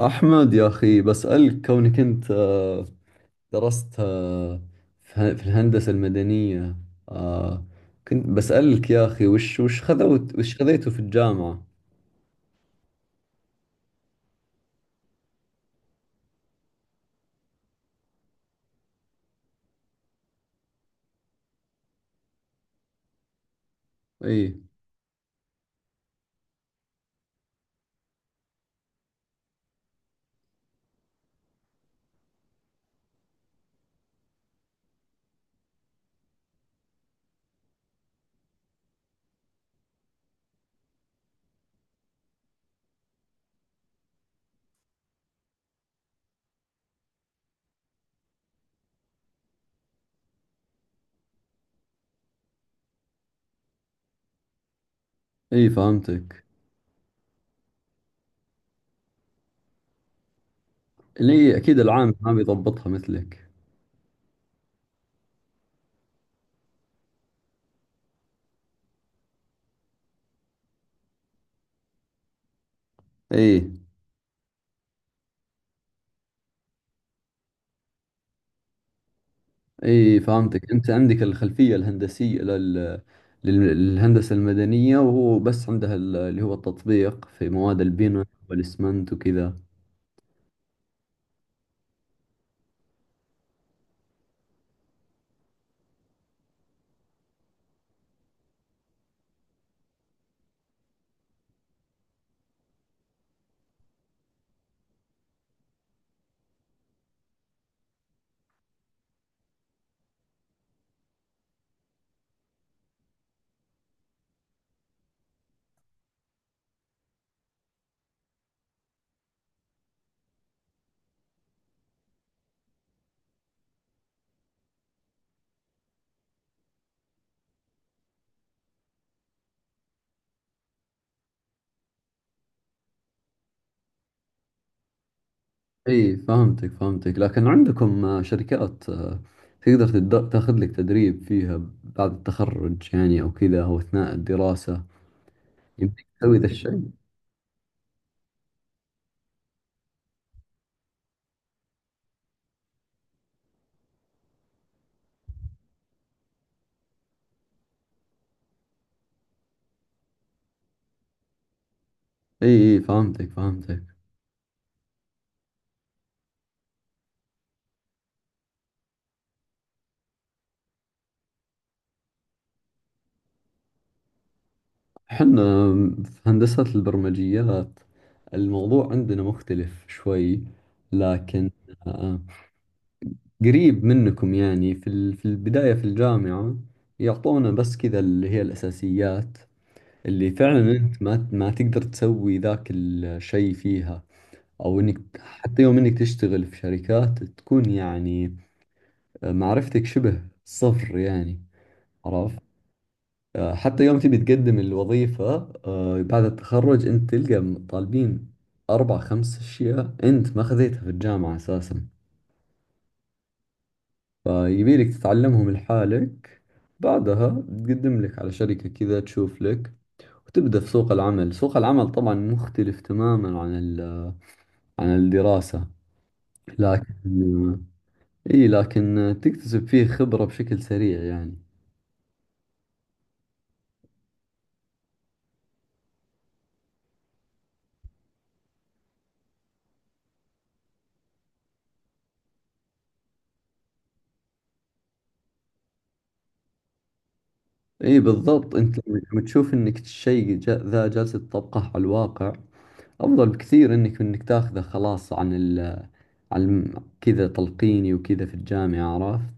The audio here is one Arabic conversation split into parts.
أحمد يا أخي بسألك كونك أنت درست في الهندسة المدنية آه، كنت بسألك يا أخي وش خذوت وش خذيته في الجامعة؟ إي إي فهمتك. اللي أكيد العام ما بيضبطها مثلك. إي إي فهمتك، أنت عندك الخلفية الهندسية لل- للهندسة المدنية، وهو بس عندها اللي هو التطبيق في مواد البناء والإسمنت وكذا. اي فهمتك، لكن عندكم شركات تقدر تاخذ لك تدريب فيها بعد التخرج يعني او كذا او اثناء الدراسة، يمديك تسوي ذا الشيء؟ اي فهمتك. احنا في هندسة البرمجيات الموضوع عندنا مختلف شوي، لكن آه، قريب منكم يعني، في في البداية في الجامعة يعطونا بس كذا اللي هي الأساسيات، اللي فعلا انت ما تقدر تسوي ذاك الشيء فيها، او انك حتى يوم انك تشتغل في شركات تكون يعني معرفتك شبه صفر يعني، عرفت؟ حتى يوم تبي تقدم الوظيفة بعد التخرج انت تلقى طالبين اربع خمس اشياء انت ما خذيتها في الجامعة اساسا، فيبيلك تتعلمهم لحالك، بعدها تقدم لك على شركة كذا تشوف لك، وتبدأ في سوق العمل. سوق العمل طبعا مختلف تماما عن عن الدراسة، لكن إي لكن تكتسب فيه خبرة بشكل سريع يعني. إي بالضبط، أنت لما تشوف إنك الشيء ذا جالس تطبقه على الواقع أفضل بكثير إنك إنك تاخذه خلاص عن كذا تلقيني وكذا في الجامعة، عرفت؟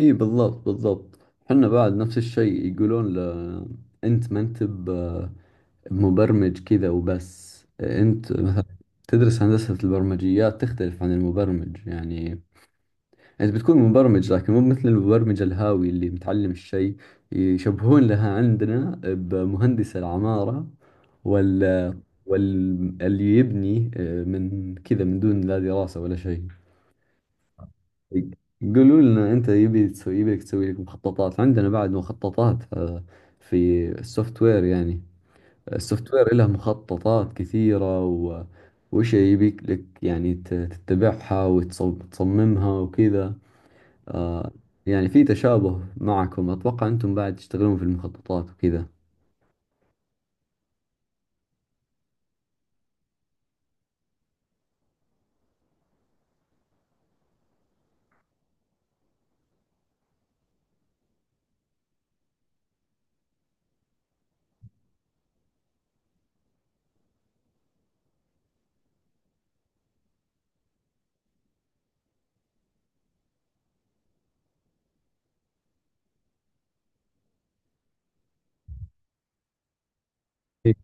إي بالضبط. حنا بعد نفس الشيء يقولون ل... أنت ما أنت بمبرمج كذا وبس. أنت مثلا تدرس هندسة البرمجيات تختلف عن المبرمج يعني، انت بتكون مبرمج لكن مو مثل المبرمج الهاوي اللي متعلم الشيء. يشبهون لها عندنا بمهندس العمارة وال وال اللي يبني من كذا من دون لا دراسة ولا شيء. يقولوا لنا انت يبي تسوي يبيك تسوي لك مخططات، عندنا بعد مخططات في السوفت وير يعني، السوفت وير له مخططات كثيرة و... وش يبيك لك يعني تتبعها وتصممها وكذا. آه يعني في تشابه معكم، أتوقع أنتم بعد تشتغلون في المخططات وكذا. إيه.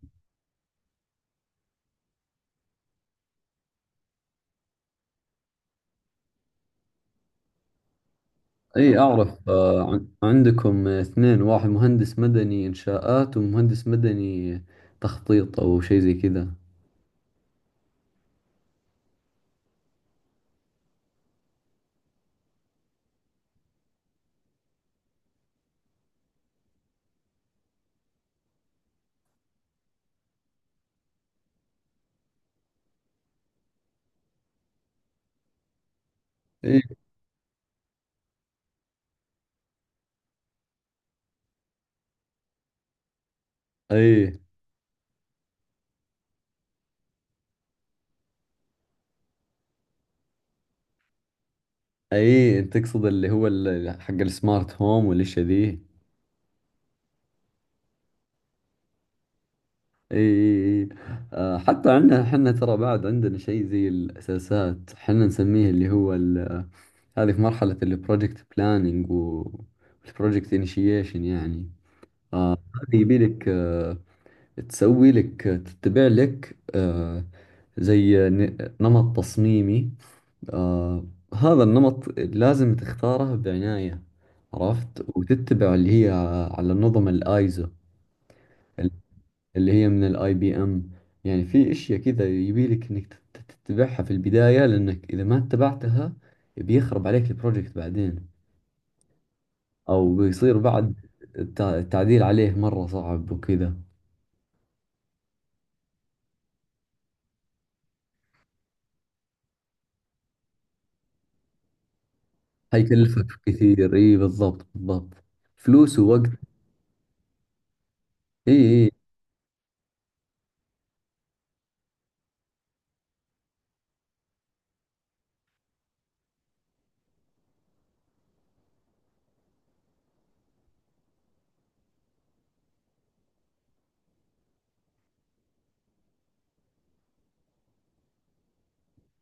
اي اعرف عندكم اثنين، واحد مهندس مدني انشاءات ومهندس مدني تخطيط او شيء زي كذا. اي اي اي تقصد اللي هو حق السمارت هوم والاشياء ذي. اي حتى عندنا حنا ترى بعد عندنا شيء زي الاساسات حنا نسميه اللي هو ال-. هذه في مرحلة البروجكت بلاننج والبروجكت انيشيشن يعني هذه يبي لك تسوي لك تتبع لك زي نمط تصميمي آه، هذا النمط لازم تختاره بعناية، عرفت؟ وتتبع اللي هي على نظم الايزو اللي هي من الاي بي ام. يعني في اشياء كذا يبيلك انك تتبعها في البداية، لانك اذا ما اتبعتها بيخرب عليك البروجكت بعدين، او بيصير بعد التعديل عليه مرة صعب وكذا. حيكلفك كثير، اي بالضبط، فلوس ووقت. اي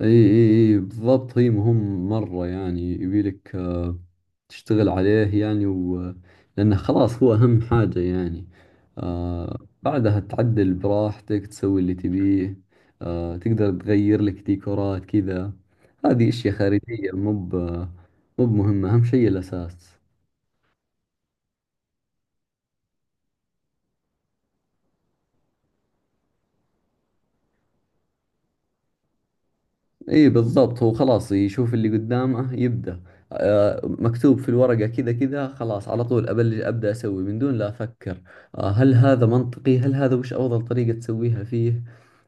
اي بالضبط، هي مهم مرة يعني، يبيلك تشتغل عليه يعني و... لأنه خلاص هو أهم حاجة يعني. آه بعدها تعدل براحتك تسوي اللي تبيه، آه تقدر تغير لك ديكورات كذا، هذه أشياء خارجية مو بمهمة، أهم شيء الأساس. اي بالضبط، هو خلاص يشوف اللي قدامه يبدأ، آه مكتوب في الورقة كذا كذا، خلاص على طول أبلش أبدأ أسوي من دون لا أفكر آه هل هذا منطقي، هل هذا وش أفضل طريقة تسويها فيه.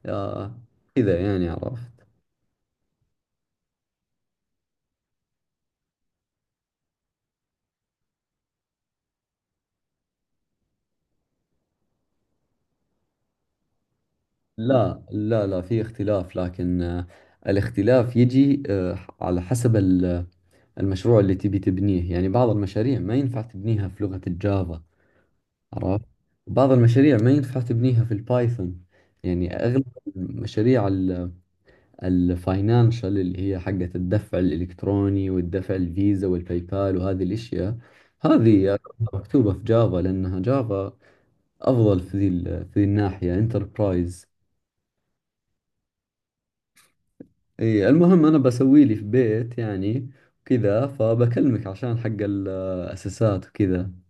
آه كذا يعني، عرفت؟ لا، في اختلاف، لكن آه الاختلاف يجي آه على حسب المشروع اللي تبي تبنيه. يعني بعض المشاريع ما ينفع تبنيها في لغة الجافا، عرفت؟ بعض المشاريع ما ينفع تبنيها في البايثون. يعني اغلب المشاريع الفاينانشال اللي هي حقت الدفع الالكتروني والدفع الفيزا والباي بال وهذه الاشياء، هذه أغلبها مكتوبة في جافا، لانها جافا افضل في ذي في ذي الناحية انتربرايز. اي المهم انا بسوي لي في بيت يعني كذا، فبكلمك عشان حق الاساسات وكذا.